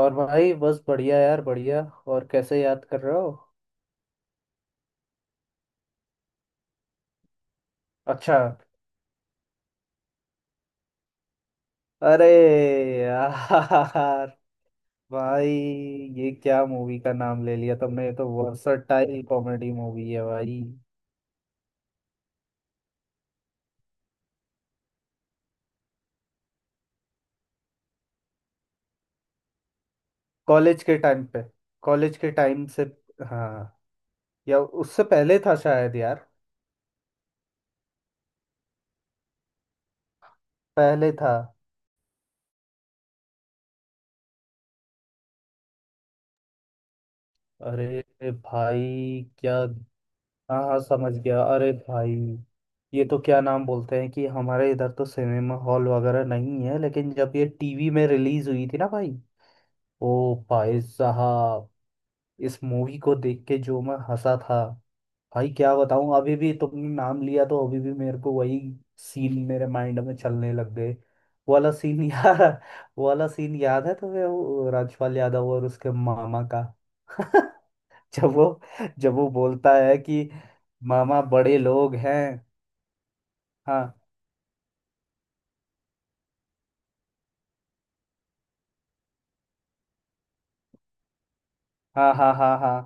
और भाई बस बढ़िया यार, बढ़िया। और कैसे याद कर रहे हो? अच्छा। अरे यार, भाई ये क्या मूवी का नाम ले लिया, तुमने तो वर्सटाइल कॉमेडी मूवी है भाई। कॉलेज के टाइम पे, कॉलेज के टाइम से। हाँ। या उससे पहले था शायद यार, पहले था। अरे भाई क्या। हाँ हाँ, समझ गया। अरे भाई, ये तो क्या नाम बोलते हैं कि हमारे इधर तो सिनेमा हॉल वगैरह नहीं है, लेकिन जब ये टीवी में रिलीज हुई थी ना भाई। ओ भाई साहब, इस मूवी को देख के जो मैं हंसा था। भाई क्या बताऊं, अभी भी तुमने नाम लिया तो अभी भी मेरे को वही सीन मेरे माइंड में चलने लग गए। वो वाला सीन यार। वो वाला सीन याद है तुम्हें, वो राजपाल यादव और उसके मामा का जब वो जब वो बोलता है कि मामा बड़े लोग हैं। हाँ हाँ हाँ हाँ हाँ।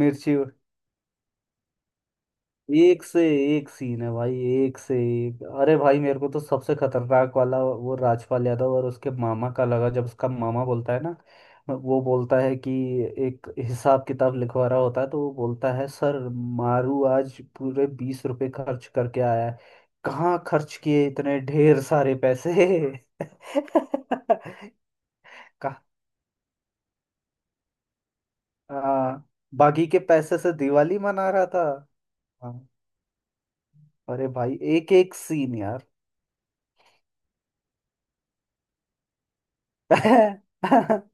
मिर्ची उड़- एक से एक सीन है भाई, एक से एक। अरे भाई मेरे को तो सबसे खतरनाक वाला वो राजपाल यादव और उसके मामा का लगा, जब उसका मामा बोलता है ना। वो बोलता है कि एक हिसाब किताब लिखवा रहा होता है तो वो बोलता है, सर मारू आज पूरे 20 रुपए खर्च करके आया है, कहाँ खर्च किए इतने ढेर सारे पैसे? कहाँ, हाँ, बाकी के पैसे से दिवाली मना रहा था। हाँ। अरे भाई एक एक सीन यार। हाँ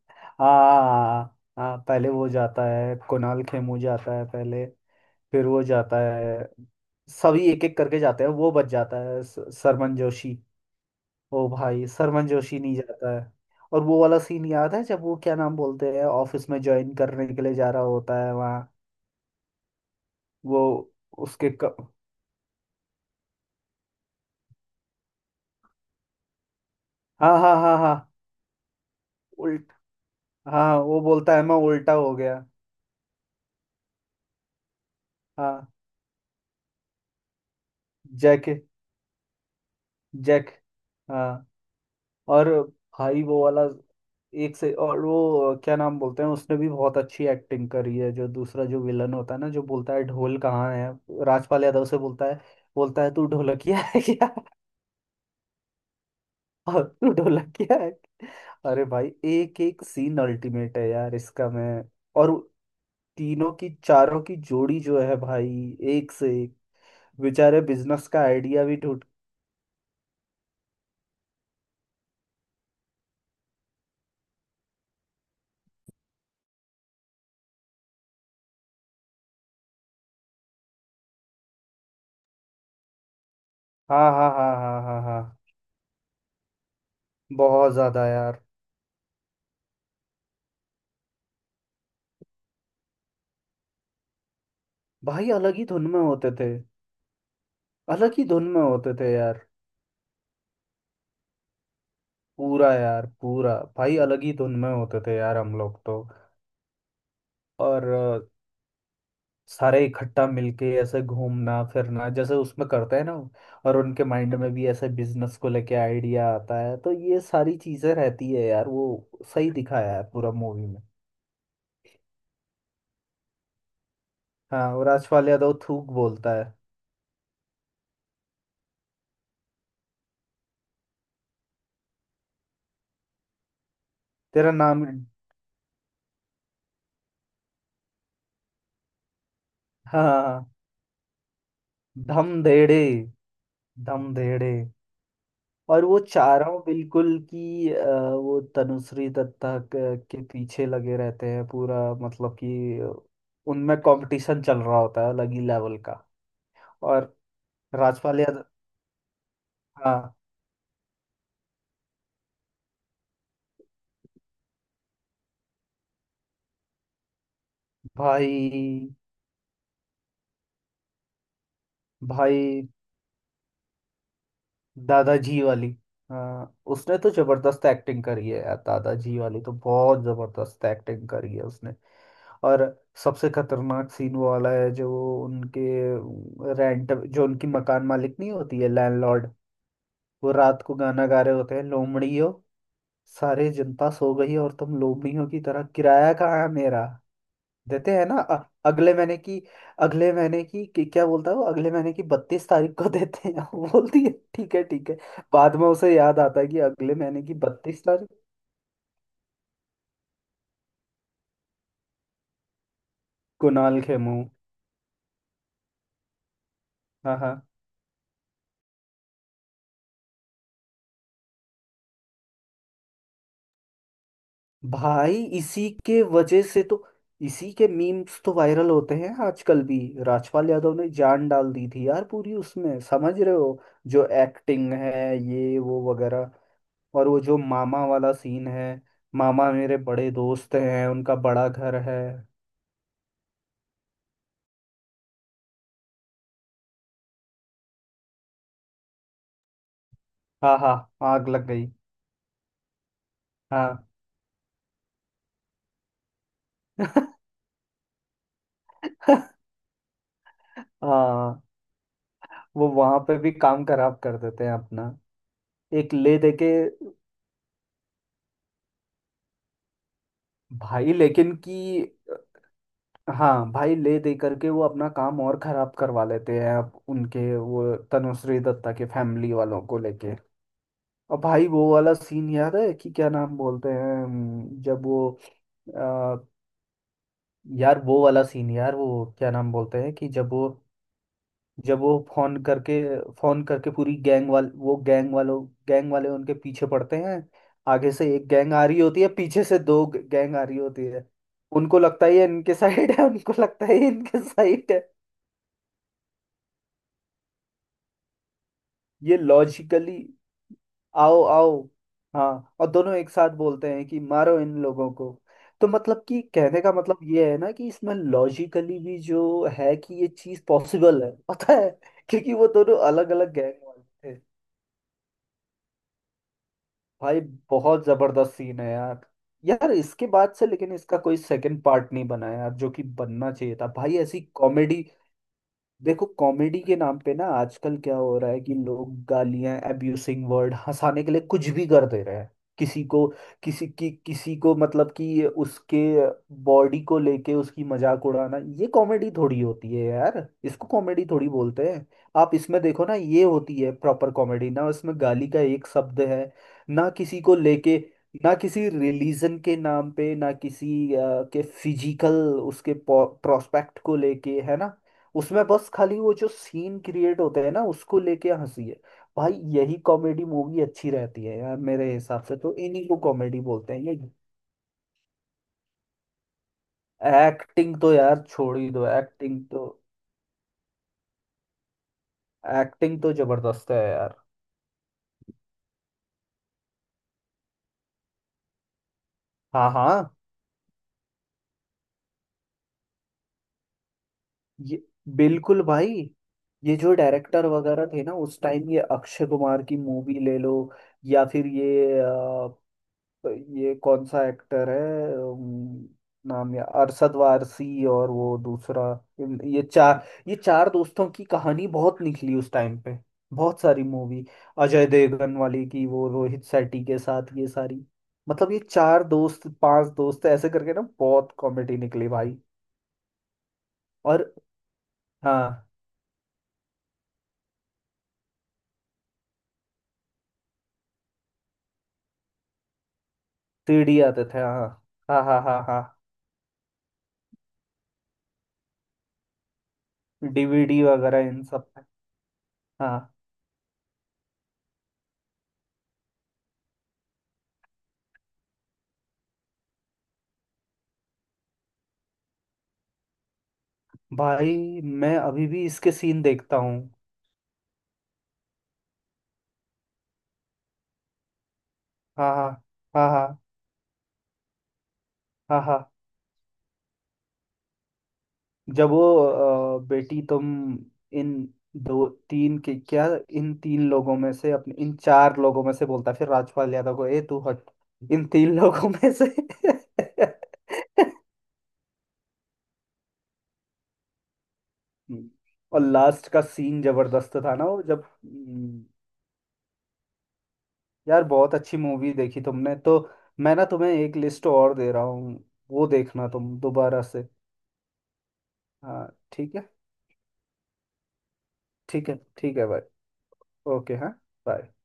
हाँ हाँ, पहले वो जाता है, कुणाल खेमू जाता है पहले, फिर वो जाता है। सभी एक एक करके जाते हैं, वो बच जाता है सरमन जोशी। ओ भाई, सरमन जोशी नहीं जाता है। और वो वाला सीन याद है जब वो क्या नाम बोलते हैं, ऑफिस में ज्वाइन करने के लिए जा रहा होता है वहाँ, वो उसके क... हाँ हाँ हाँ हाँ हाँ, वो बोलता है मैं उल्टा हो गया। हाँ, जैक, जैक, हाँ। और भाई वो वाला, एक से, और वो क्या नाम बोलते हैं, उसने भी बहुत अच्छी एक्टिंग करी है, जो दूसरा जो विलन होता है ना, जो बोलता है ढोल कहाँ है, राजपाल यादव से बोलता है, बोलता है तू ढोलकिया है क्या? और तू ढोलकिया है। अरे भाई एक एक सीन अल्टीमेट है यार, इसका मैं, और तीनों की चारों की जोड़ी जो है भाई, एक से एक। बेचारे बिजनेस का आइडिया भी। हाँ हाँ हाँ हाँ हाँ हाँ। बहुत ज्यादा यार। भाई अलग ही धुन में होते थे। अलग ही धुन में होते थे यार। पूरा यार, पूरा भाई, अलग ही धुन में होते थे यार हम लोग तो। और सारे इकट्ठा मिलके ऐसे घूमना फिरना, जैसे उसमें करते हैं ना। और उनके माइंड में भी ऐसे बिजनेस को लेके आइडिया आता है, तो ये सारी चीजें रहती है यार वो। सही दिखाया है पूरा मूवी में। हाँ, और आजकल यादव थूक बोलता है। तेरा नाम। हाँ। धम धेड़े, धम धेड़े। और वो चारों बिल्कुल कि वो तनुश्री दत्ता के पीछे लगे रहते हैं पूरा, मतलब कि उनमें कंपटीशन चल रहा होता है अलग ही लेवल का। और राजपाल यादव। हाँ। भाई। भाई, दादाजी वाली। हाँ, उसने तो जबरदस्त एक्टिंग करी है यार, दादाजी वाली तो बहुत जबरदस्त एक्टिंग करी है उसने। और सबसे खतरनाक सीन वो वाला है जो उनके रेंट, जो उनकी मकान मालिक नहीं होती है, लैंडलॉर्ड। वो रात को गाना गा रहे होते हैं लोमड़ियो, सारी जनता सो गई और तुम लोभियों की तरह, किराया कहाँ है मेरा? देते हैं ना अगले महीने की, अगले महीने की, क्या बोलता है वो, अगले महीने की 32 तारीख को देते हैं। वो बोलती है ठीक है ठीक है। बाद में उसे याद आता है कि अगले महीने की बत्तीस तारीख। कुणाल खेमू। हाँ हाँ। भाई इसी के वजह से तो, इसी के मीम्स तो वायरल होते हैं आजकल भी। राजपाल यादव ने जान डाल दी थी यार पूरी उसमें, समझ रहे हो। जो एक्टिंग है ये वो वगैरह। और वो जो मामा वाला सीन है, मामा मेरे बड़े दोस्त हैं, उनका बड़ा घर है। हाँ हाँ। आग लग गई। हाँ। हाँ। वो वहां पे भी काम खराब कर देते हैं अपना, एक ले दे के। भाई लेकिन कि, हाँ भाई, ले दे करके वो अपना काम और खराब करवा लेते हैं अब उनके, वो तनुश्री दत्ता के फैमिली वालों को लेके। और भाई वो वाला सीन याद है कि क्या नाम बोलते हैं, जब वो, यार वो वाला सीन यार, वो क्या नाम बोलते हैं कि जब वो फोन करके पूरी गैंग वाल वो गैंग वालों गैंग वाले उनके पीछे पड़ते हैं। आगे से एक गैंग आ रही होती है, पीछे से दो गैंग आ रही होती है। उनको लगता है ये इनके साइड है, उनको लगता है ये इनके साइड है। ये लॉजिकली, आओ आओ, हाँ, और दोनों एक साथ बोलते हैं कि मारो इन लोगों को। तो मतलब कि कहने का मतलब ये है ना, कि इसमें लॉजिकली भी जो है, कि ये चीज पॉसिबल है पता है, क्योंकि वो दोनों अलग अलग गैंग वाले थे। भाई बहुत जबरदस्त सीन है यार। यार इसके बाद से लेकिन इसका कोई सेकंड पार्ट नहीं बना यार, जो कि बनना चाहिए था भाई, ऐसी कॉमेडी। देखो कॉमेडी के नाम पे ना आजकल क्या हो रहा है, कि लोग गालियां, एब्यूसिंग वर्ड, हंसाने के लिए कुछ भी कर दे रहे हैं। किसी को, किसी की, किसी को, मतलब कि उसके बॉडी को लेके उसकी मजाक उड़ाना, ये कॉमेडी थोड़ी होती है यार, इसको कॉमेडी थोड़ी बोलते हैं। आप इसमें देखो ना, ये होती है प्रॉपर कॉमेडी, ना उसमें गाली का एक शब्द है, ना किसी को लेके, ना किसी रिलीजन के नाम पे, ना किसी के फिजिकल, उसके प्रोस्पेक्ट को लेके है ना, उसमें बस खाली वो जो सीन क्रिएट होते हैं ना उसको लेके हंसी है। भाई यही कॉमेडी मूवी अच्छी रहती है यार, मेरे हिसाब से तो इन्हीं को कॉमेडी बोलते हैं ये। एक्टिंग तो यार छोड़ ही दो, एक्टिंग तो। एक्टिंग तो जबरदस्त है यार। हाँ हाँ। ये बिल्कुल भाई, ये जो डायरेक्टर वगैरह थे ना उस टाइम, ये अक्षय कुमार की मूवी ले लो, या फिर ये, तो ये कौन सा एक्टर है, नाम, या अरशद वारसी और वो दूसरा। ये चार दोस्तों की कहानी बहुत निकली उस टाइम पे, बहुत सारी मूवी। अजय देवगन वाली की वो, रोहित शेट्टी के साथ ये सारी, मतलब ये चार दोस्त पांच दोस्त ऐसे करके ना बहुत कॉमेडी निकली भाई। और हाँ, सीडी आते थे, हाँ हाँ हाँ हाँ हाँ, डीवीडी वगैरह इन सब पे। हाँ भाई, मैं अभी भी इसके सीन देखता हूँ। हाँ हाँ हाँ हाँ हाँ हाँ। जब वो बेटी तुम, इन दो तीन के क्या, इन तीन लोगों में से, अपने इन चार लोगों में से बोलता है, फिर राजपाल यादव को ए तू हट, इन तीन लोगों में से। हम्म। और लास्ट का सीन जबरदस्त था ना वो, जब यार बहुत अच्छी मूवी देखी तुमने तो। मैं ना तुम्हें एक लिस्ट और दे रहा हूँ, वो देखना तुम दोबारा से। हाँ ठीक है, ठीक है ठीक है भाई। ओके हाँ, bye।